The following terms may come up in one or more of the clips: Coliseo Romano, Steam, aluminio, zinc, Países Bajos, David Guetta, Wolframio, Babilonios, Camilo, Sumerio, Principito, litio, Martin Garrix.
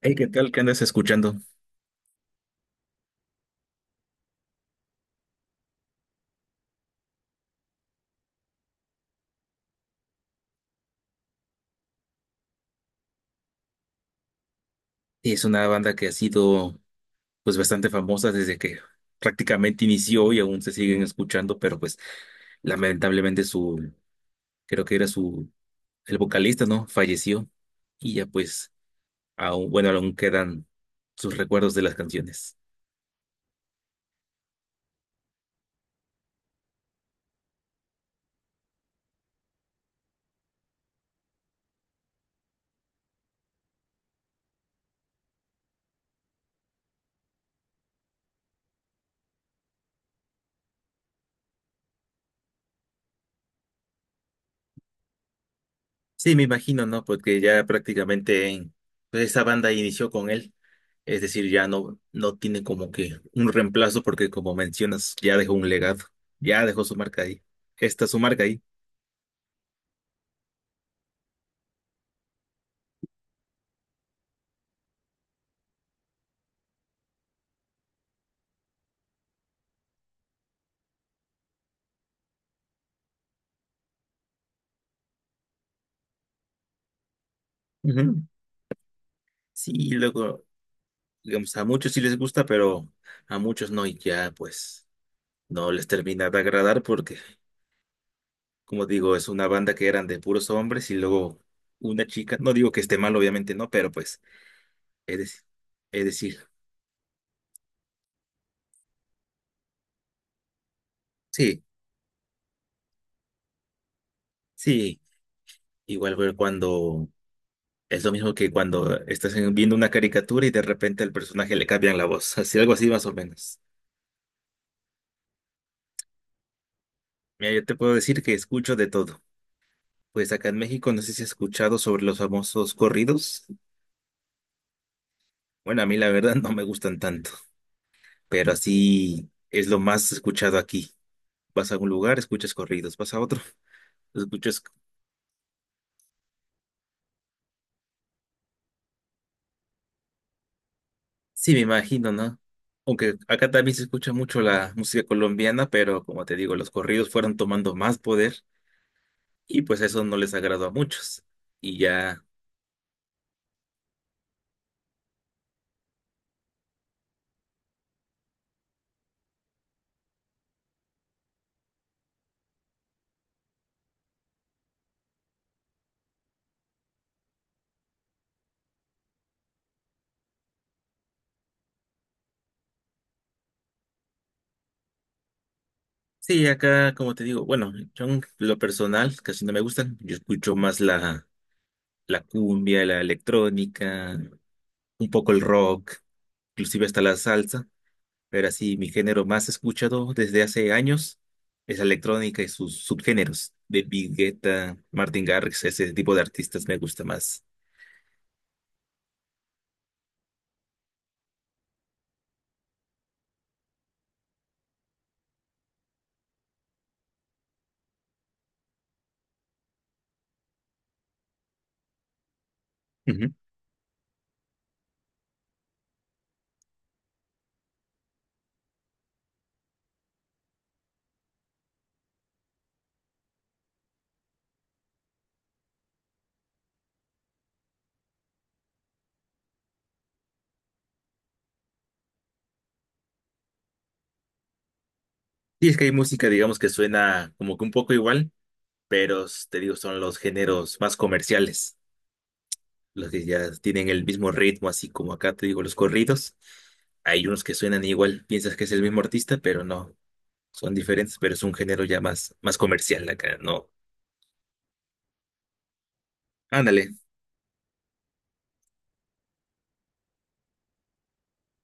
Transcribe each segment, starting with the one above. Hey, ¿qué tal? ¿Qué andas escuchando? Es una banda que ha sido pues bastante famosa desde que prácticamente inició y aún se siguen escuchando, pero pues lamentablemente su, creo que era su, el vocalista, ¿no? Falleció y ya pues aún, bueno, aún quedan sus recuerdos de las canciones. Sí, me imagino, ¿no? Porque ya prácticamente pues, esa banda inició con él, es decir, ya no, no tiene como que un reemplazo porque como mencionas, ya dejó un legado, ya dejó su marca ahí. Esta es su marca ahí. Ujú. Sí, luego, digamos, a muchos sí les gusta, pero a muchos no, y ya pues no les termina de agradar porque, como digo, es una banda que eran de puros hombres y luego una chica, no digo que esté mal, obviamente no, pero pues, es decir, es decir, sí, sí, igual fue cuando, es lo mismo que cuando estás viendo una caricatura y de repente al personaje le cambian la voz, así algo así más o menos. Mira, yo te puedo decir que escucho de todo. Pues acá en México, no sé si has escuchado sobre los famosos corridos. Bueno, a mí la verdad no me gustan tanto, pero así es lo más escuchado aquí. Vas a un lugar, escuchas corridos, vas a otro, escuchas... Sí, me imagino, ¿no? Aunque acá también se escucha mucho la música colombiana, pero como te digo, los corridos fueron tomando más poder y pues eso no les agradó a muchos. Y ya, sí, acá como te digo, bueno, yo en lo personal casi no me gustan, yo escucho más la cumbia, la electrónica, un poco el rock, inclusive hasta la salsa. Pero así, mi género más escuchado desde hace años es la electrónica y sus subgéneros. David Guetta, Martin Garrix, ese tipo de artistas me gusta más. Ujú. Y es que hay música, digamos, que suena como que un poco igual, pero te digo, son los géneros más comerciales, los que ya tienen el mismo ritmo, así como acá te digo los corridos. Hay unos que suenan igual, piensas que es el mismo artista, pero no, son diferentes, pero es un género ya más, más comercial acá, ¿no? Ándale.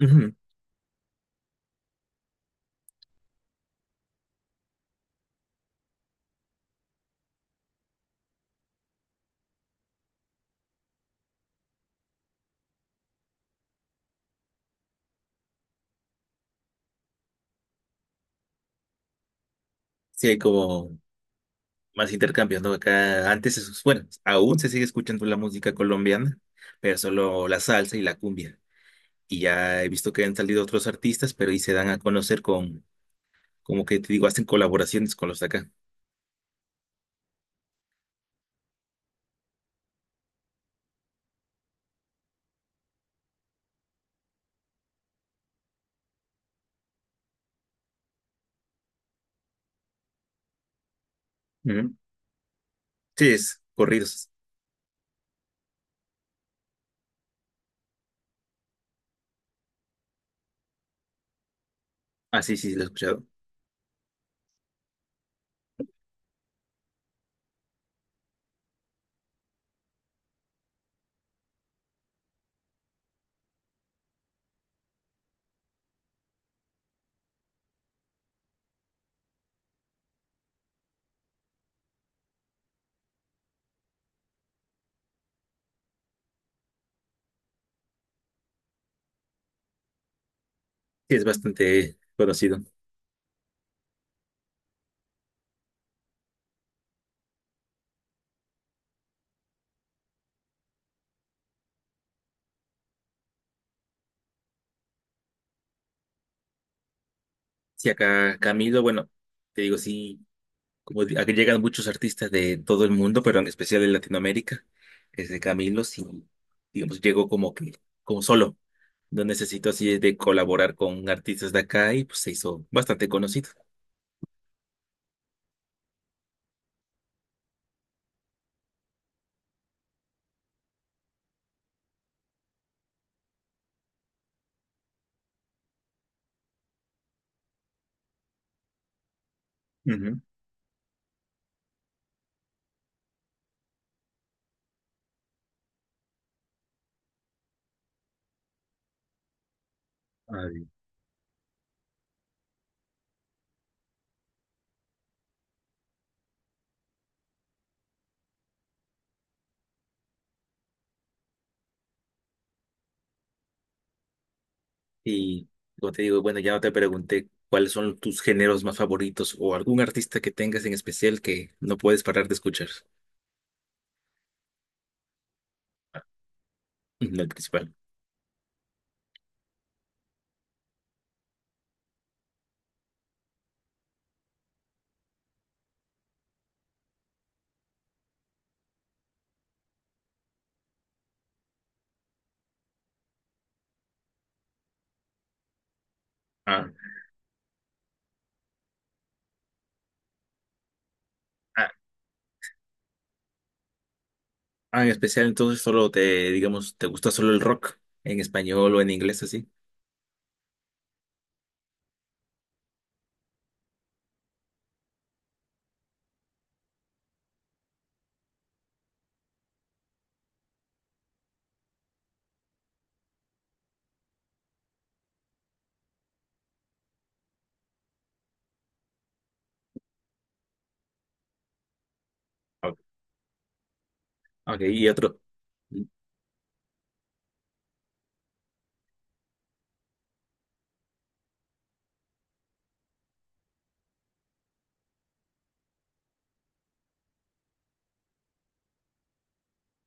Ujú. Sí, hay como más intercambiando acá. Antes, bueno, aún se sigue escuchando la música colombiana, pero solo la salsa y la cumbia. Y ya he visto que han salido otros artistas, pero y se dan a conocer con, como que te digo, hacen colaboraciones con los de acá. Ujú. Sí, es corridos. Ah, sí, sí, lo he escuchado. Sí, es bastante conocido. Sí, acá Camilo, bueno, te digo, sí. Como aquí llegan muchos artistas de todo el mundo, pero en especial de Latinoamérica, desde Camilo, sí, digamos, llegó como que, como solo. No necesito así de colaborar con artistas de acá y pues se hizo bastante conocido. Ujú. Ay, y como te digo, bueno, ya no te pregunté cuáles son tus géneros más favoritos o algún artista que tengas en especial que no puedes parar de escuchar, no el principal. Ah, ah, ah, en especial entonces solo te, digamos, te gusta solo el rock en español o en inglés así. Ok, y otro.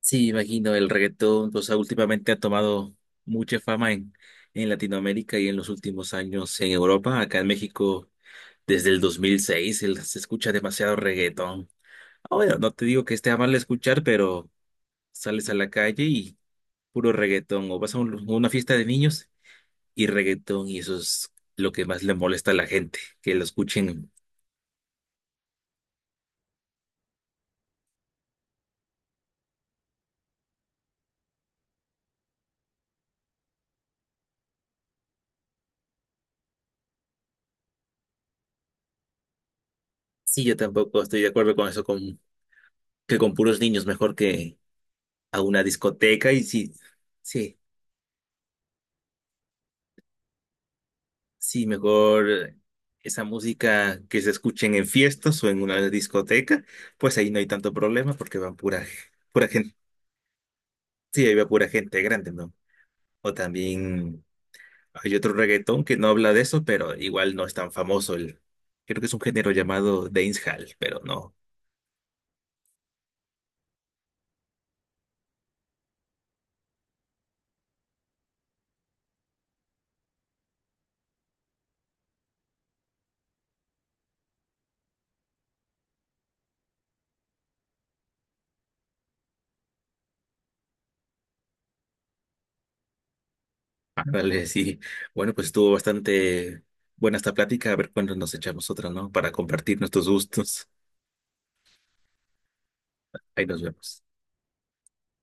Sí, imagino, el reggaetón, o sea, últimamente ha tomado mucha fama en Latinoamérica y en los últimos años en Europa. Acá en México, desde el 2006, se escucha demasiado reggaetón. Ah, bueno, no te digo que esté mal escuchar, pero sales a la calle y puro reggaetón, o vas a una fiesta de niños y reggaetón, y eso es lo que más le molesta a la gente, que lo escuchen. Sí, yo tampoco estoy de acuerdo con eso, con, que con puros niños, mejor que a una discoteca y sí, sí, sí, mejor esa música que se escuchen en fiestas o en una discoteca, pues ahí no hay tanto problema porque van pura, pura gente, sí, ahí va pura gente grande, ¿no? O también hay otro reggaetón que no habla de eso, pero igual no es tan famoso el, creo que es un género llamado dancehall, pero no, ah, vale, sí. Bueno, pues estuvo bastante buena esta plática, a ver cuándo nos echamos otra, ¿no? Para compartir nuestros gustos. Ahí nos vemos.